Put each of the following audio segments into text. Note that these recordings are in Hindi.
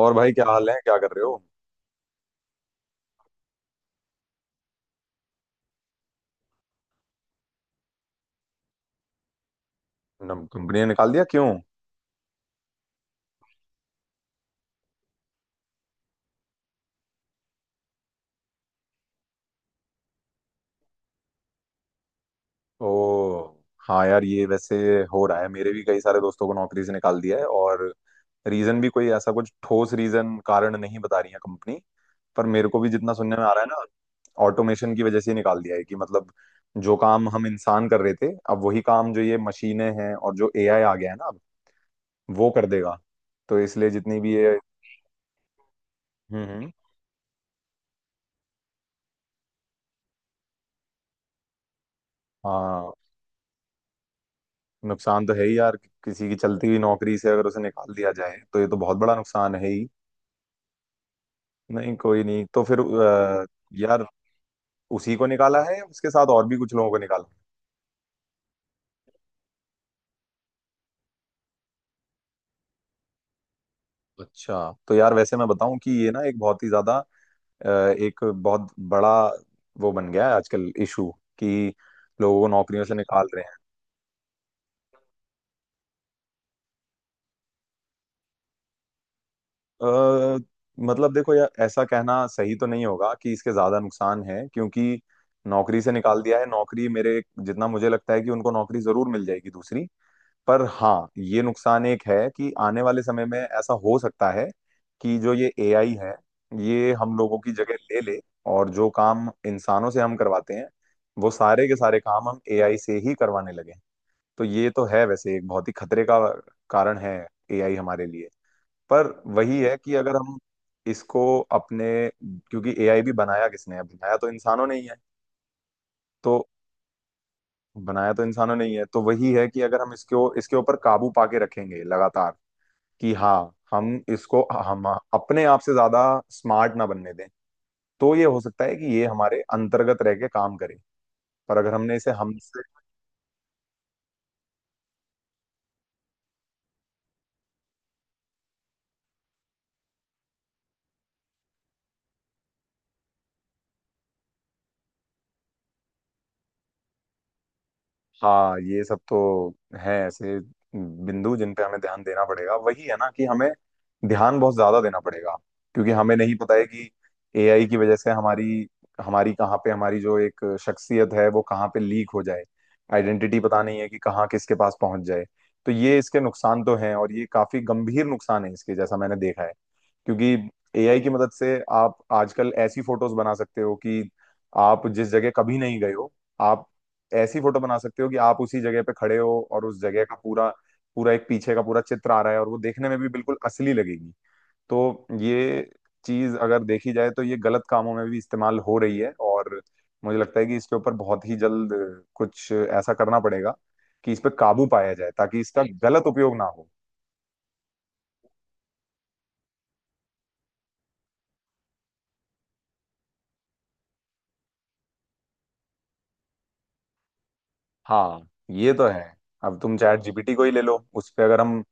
और भाई क्या हाल है? क्या कर रहे हो? कंपनी ने निकाल दिया? क्यों? ओ, हाँ यार, ये वैसे हो रहा है। मेरे भी कई सारे दोस्तों को नौकरी से निकाल दिया है। और रीजन भी कोई ऐसा कुछ ठोस रीजन कारण नहीं बता रही है कंपनी। पर मेरे को भी जितना सुनने में आ रहा है ना, ऑटोमेशन की वजह से ही निकाल दिया है। कि मतलब जो काम हम इंसान कर रहे थे, अब वही काम जो ये मशीनें हैं और जो एआई आ गया है ना, अब वो कर देगा। तो इसलिए जितनी भी ये। हम्म हम्म। हाँ, नुकसान तो है ही यार। किसी की चलती हुई नौकरी से अगर उसे निकाल दिया जाए तो ये तो बहुत बड़ा नुकसान है ही। नहीं कोई नहीं, तो फिर यार उसी को निकाला है या उसके साथ और भी कुछ लोगों को निकाला? अच्छा। तो यार वैसे मैं बताऊं कि ये ना एक बहुत ही ज्यादा, एक बहुत बड़ा वो बन गया है आजकल इशू। कि लोगों को नौकरियों से निकाल रहे हैं। अ, मतलब देखो यार, ऐसा कहना सही तो नहीं होगा कि इसके ज्यादा नुकसान है, क्योंकि नौकरी से निकाल दिया है नौकरी। मेरे जितना मुझे लगता है कि उनको नौकरी जरूर मिल जाएगी दूसरी। पर हाँ, ये नुकसान एक है कि आने वाले समय में ऐसा हो सकता है कि जो ये एआई है, ये हम लोगों की जगह ले ले। और जो काम इंसानों से हम करवाते हैं, वो सारे के सारे काम हम एआई से ही करवाने लगे। तो ये तो है वैसे एक बहुत ही खतरे का कारण है एआई हमारे लिए। पर वही है कि अगर हम इसको अपने, क्योंकि एआई भी बनाया किसने है? बनाया तो इंसानों ने ही है। तो बनाया तो इंसानों ने ही है, तो वही है कि अगर हम इसको, इसके ऊपर काबू पाके रखेंगे लगातार, कि हाँ हम इसको, हम अपने आप से ज्यादा स्मार्ट ना बनने दें, तो ये हो सकता है कि ये हमारे अंतर्गत रह के काम करे। पर अगर हमने इसे हमसे। हाँ, ये सब तो है ऐसे बिंदु जिन पे हमें ध्यान देना पड़ेगा। वही है ना, कि हमें ध्यान बहुत ज्यादा देना पड़ेगा, क्योंकि हमें नहीं पता है कि एआई की वजह से हमारी, हमारी कहाँ पे, हमारी जो एक शख्सियत है वो कहाँ पे लीक हो जाए। आइडेंटिटी, पता नहीं है कि कहाँ किसके पास पहुंच जाए। तो ये इसके नुकसान तो हैं, और ये काफी गंभीर नुकसान है इसके, जैसा मैंने देखा है। क्योंकि एआई की मदद से आप आजकल ऐसी फोटोज बना सकते हो कि आप जिस जगह कभी नहीं गए हो, आप ऐसी फोटो बना सकते हो कि आप उसी जगह पे खड़े हो और उस जगह का पूरा, पूरा एक पीछे का पूरा चित्र आ रहा है, और वो देखने में भी बिल्कुल असली लगेगी। तो ये चीज अगर देखी जाए तो ये गलत कामों में भी इस्तेमाल हो रही है। और मुझे लगता है कि इसके ऊपर बहुत ही जल्द कुछ ऐसा करना पड़ेगा कि इस पे काबू पाया जाए, ताकि इसका गलत उपयोग ना हो। हाँ, ये तो है। अब तुम चैट जीपीटी को ही ले लो। उस पे अगर हम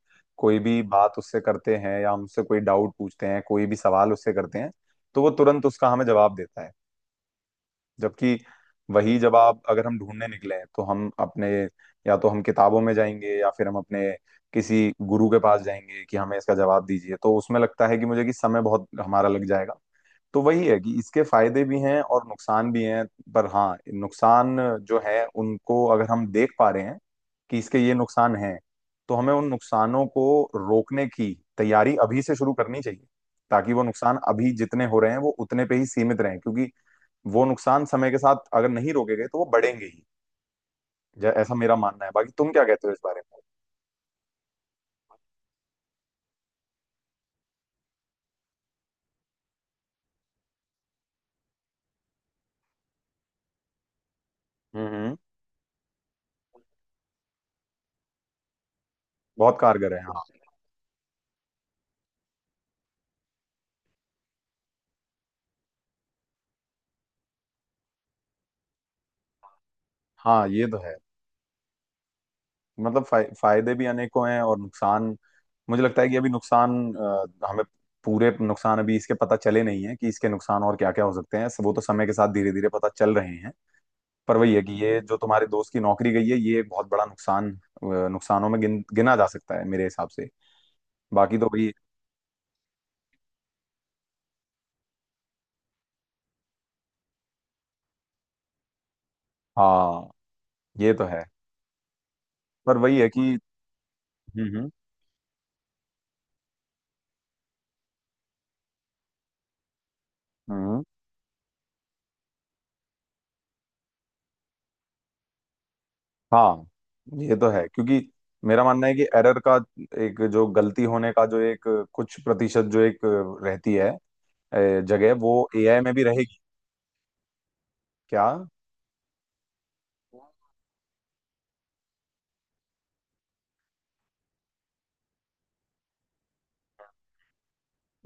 कोई भी बात उससे करते हैं, या हमसे कोई डाउट पूछते हैं, कोई भी सवाल उससे करते हैं, तो वो तुरंत उसका हमें जवाब देता है। जबकि वही जवाब अगर हम ढूंढने निकले हैं तो हम अपने, या तो हम किताबों में जाएंगे, या फिर हम अपने किसी गुरु के पास जाएंगे कि हमें इसका जवाब दीजिए, तो उसमें लगता है कि मुझे कि समय बहुत हमारा लग जाएगा। तो वही है कि इसके फायदे भी हैं और नुकसान भी हैं। पर हाँ, नुकसान जो है उनको अगर हम देख पा रहे हैं कि इसके ये नुकसान हैं, तो हमें उन नुकसानों को रोकने की तैयारी अभी से शुरू करनी चाहिए, ताकि वो नुकसान अभी जितने हो रहे हैं वो उतने पे ही सीमित रहें। क्योंकि वो नुकसान समय के साथ अगर नहीं रोके गए तो वो बढ़ेंगे ही। ऐसा मेरा मानना है। बाकी तुम क्या कहते हो इस बारे में? हम्म। बहुत कारगर है हाँ। हाँ, ये तो है। मतलब फायदे भी अनेकों हैं और नुकसान, मुझे लगता है कि अभी नुकसान हमें पूरे नुकसान अभी इसके पता चले नहीं है कि इसके नुकसान और क्या क्या हो सकते हैं। वो तो समय के साथ धीरे धीरे पता चल रहे हैं। पर वही है कि ये जो तुम्हारे दोस्त की नौकरी गई है, ये एक बहुत बड़ा नुकसान, नुकसानों में गिना जा सकता है मेरे हिसाब से। बाकी तो वही। हाँ, ये तो है। पर वही है कि। हम्म हम्म हम्म, हाँ, ये तो है। क्योंकि मेरा मानना है कि एरर का एक जो गलती होने का जो एक कुछ प्रतिशत जो एक रहती है जगह, वो एआई में भी रहेगी। क्या?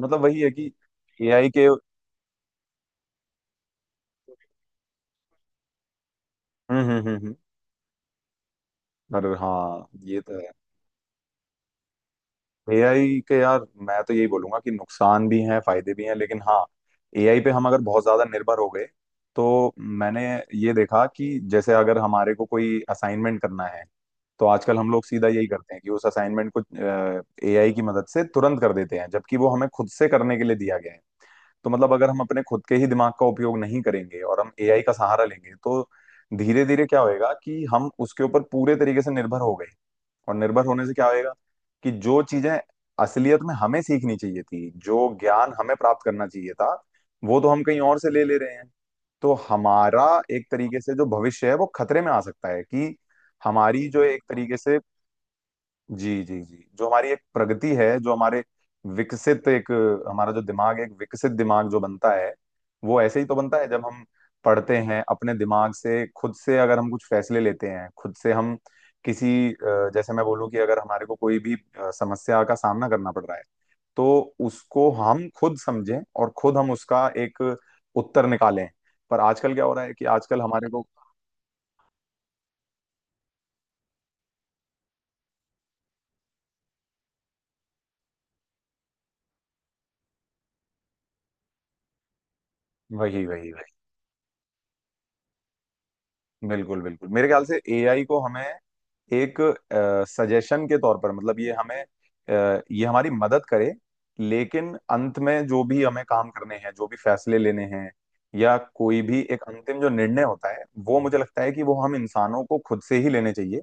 मतलब वही है कि एआई के। हम्म हम्म हम्म हम्म। अरे हाँ, ये तो है। एआई के यार, मैं तो यही बोलूंगा कि नुकसान भी हैं, फायदे भी हैं, लेकिन हाँ, एआई पे हम अगर बहुत ज्यादा निर्भर हो गए तो, मैंने ये देखा कि जैसे अगर हमारे को कोई असाइनमेंट करना है, तो आजकल हम लोग सीधा यही करते हैं कि उस असाइनमेंट को एआई की मदद से तुरंत कर देते हैं, जबकि वो हमें खुद से करने के लिए दिया गया है। तो मतलब अगर हम अपने खुद के ही दिमाग का उपयोग नहीं करेंगे और हम एआई का सहारा लेंगे तो धीरे धीरे क्या होएगा कि हम उसके ऊपर पूरे तरीके से निर्भर हो गए। और निर्भर होने से क्या होएगा कि जो चीजें असलियत में हमें सीखनी चाहिए थी, जो ज्ञान हमें प्राप्त करना चाहिए था, वो तो हम कहीं और से ले ले रहे हैं। तो हमारा एक तरीके से जो भविष्य है वो खतरे में आ सकता है कि हमारी जो एक तरीके से, जी जी जी, जो हमारी एक प्रगति है, जो हमारे विकसित एक, हमारा जो दिमाग है, एक विकसित दिमाग जो बनता है, वो ऐसे ही तो बनता है जब हम पढ़ते हैं अपने दिमाग से, खुद से अगर हम कुछ फैसले लेते हैं, खुद से हम किसी जैसे मैं बोलूँ कि अगर हमारे को कोई भी समस्या का सामना करना पड़ रहा है, तो उसको हम खुद समझें और खुद हम उसका एक उत्तर निकालें। पर आजकल क्या हो रहा है कि आजकल हमारे को, वही वही, बिल्कुल बिल्कुल। मेरे ख्याल से एआई को हमें एक सजेशन के तौर पर, मतलब ये हमें, ये हमारी मदद करे, लेकिन अंत में जो भी हमें काम करने हैं, जो भी फैसले लेने हैं, या कोई भी एक अंतिम जो निर्णय होता है, वो मुझे लगता है कि वो हम इंसानों को खुद से ही लेने चाहिए।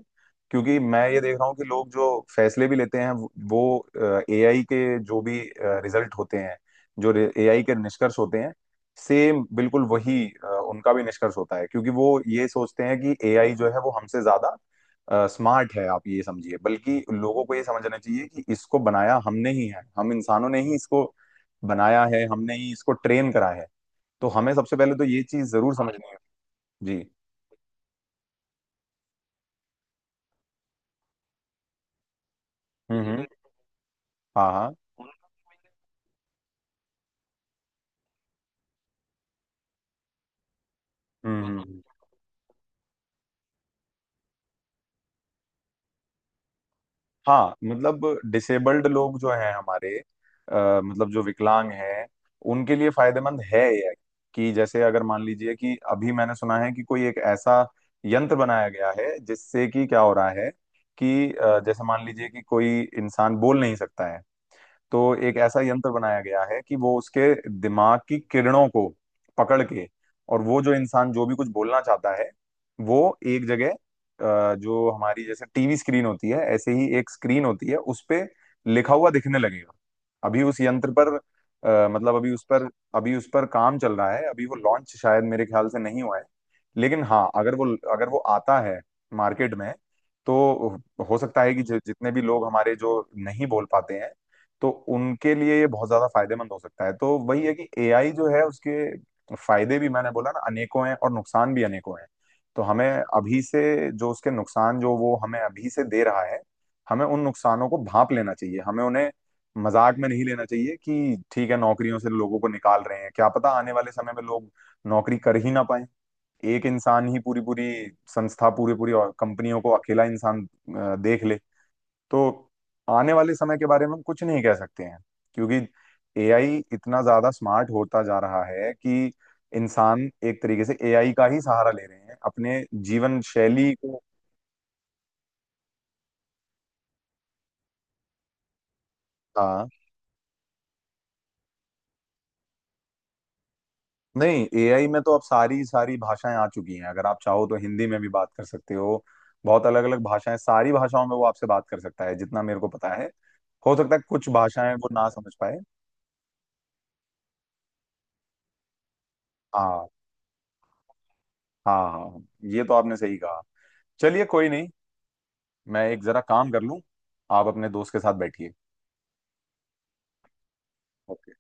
क्योंकि मैं ये देख रहा हूँ कि लोग जो फैसले भी लेते हैं, वो एआई के जो भी रिजल्ट होते हैं, जो एआई के निष्कर्ष होते हैं, सेम बिल्कुल वही उनका भी निष्कर्ष होता है। क्योंकि वो ये सोचते हैं कि एआई जो है वो हमसे ज्यादा स्मार्ट है। आप ये समझिए, बल्कि लोगों को ये समझना चाहिए कि इसको बनाया हमने ही है, हम इंसानों ने ही इसको बनाया है, हमने ही इसको ट्रेन करा है। तो हमें सबसे पहले तो ये चीज जरूर समझनी है। जी। हम्म। हाँ हाँ। हम्म हम्म हम्म। हाँ मतलब डिसेबल्ड लोग जो हैं हमारे, मतलब जो विकलांग हैं, उनके लिए फायदेमंद है ये। कि जैसे अगर मान लीजिए, कि अभी मैंने सुना है कि कोई एक ऐसा यंत्र बनाया गया है जिससे कि क्या हो रहा है कि जैसे मान लीजिए कि कोई इंसान बोल नहीं सकता है, तो एक ऐसा यंत्र बनाया गया है कि वो उसके दिमाग की किरणों को पकड़ के, और वो जो इंसान जो भी कुछ बोलना चाहता है, वो एक जगह जो हमारी जैसे टीवी स्क्रीन होती है, ऐसे ही एक स्क्रीन होती है उस पे लिखा हुआ दिखने लगेगा। अभी उस यंत्र पर मतलब अभी उस पर, अभी उस पर काम चल रहा है। अभी वो लॉन्च शायद मेरे ख्याल से नहीं हुआ है। लेकिन हाँ, अगर वो, अगर वो आता है मार्केट में, तो हो सकता है कि जितने भी लोग हमारे जो नहीं बोल पाते हैं, तो उनके लिए ये बहुत ज्यादा फायदेमंद हो सकता है। तो वही है कि एआई जो है उसके फायदे भी मैंने बोला ना अनेकों हैं और नुकसान भी अनेकों हैं। तो हमें अभी से जो उसके नुकसान जो वो हमें अभी से दे रहा है, हमें उन नुकसानों को भांप लेना चाहिए। हमें उन्हें मजाक में नहीं लेना चाहिए, कि ठीक है नौकरियों से लोगों को निकाल रहे हैं, क्या पता आने वाले समय में लोग नौकरी कर ही ना पाए। एक इंसान ही पूरी पूरी संस्था, पूरी पूरी और कंपनियों को अकेला इंसान देख ले। तो आने वाले समय के बारे में हम कुछ नहीं कह सकते हैं, क्योंकि एआई इतना ज्यादा स्मार्ट होता जा रहा है कि इंसान एक तरीके से एआई का ही सहारा ले रहे हैं अपने जीवन शैली को। हाँ, नहीं एआई में तो अब सारी सारी भाषाएं आ चुकी हैं, अगर आप चाहो तो हिंदी में भी बात कर सकते हो। बहुत अलग अलग भाषाएं, सारी भाषाओं में वो आपसे बात कर सकता है जितना मेरे को पता है। हो सकता है कुछ भाषाएं वो ना समझ पाए। हाँ हाँ, हाँ ये तो आपने सही कहा। चलिए कोई नहीं, मैं एक जरा काम कर लूं, आप अपने दोस्त के साथ बैठिए। ओके।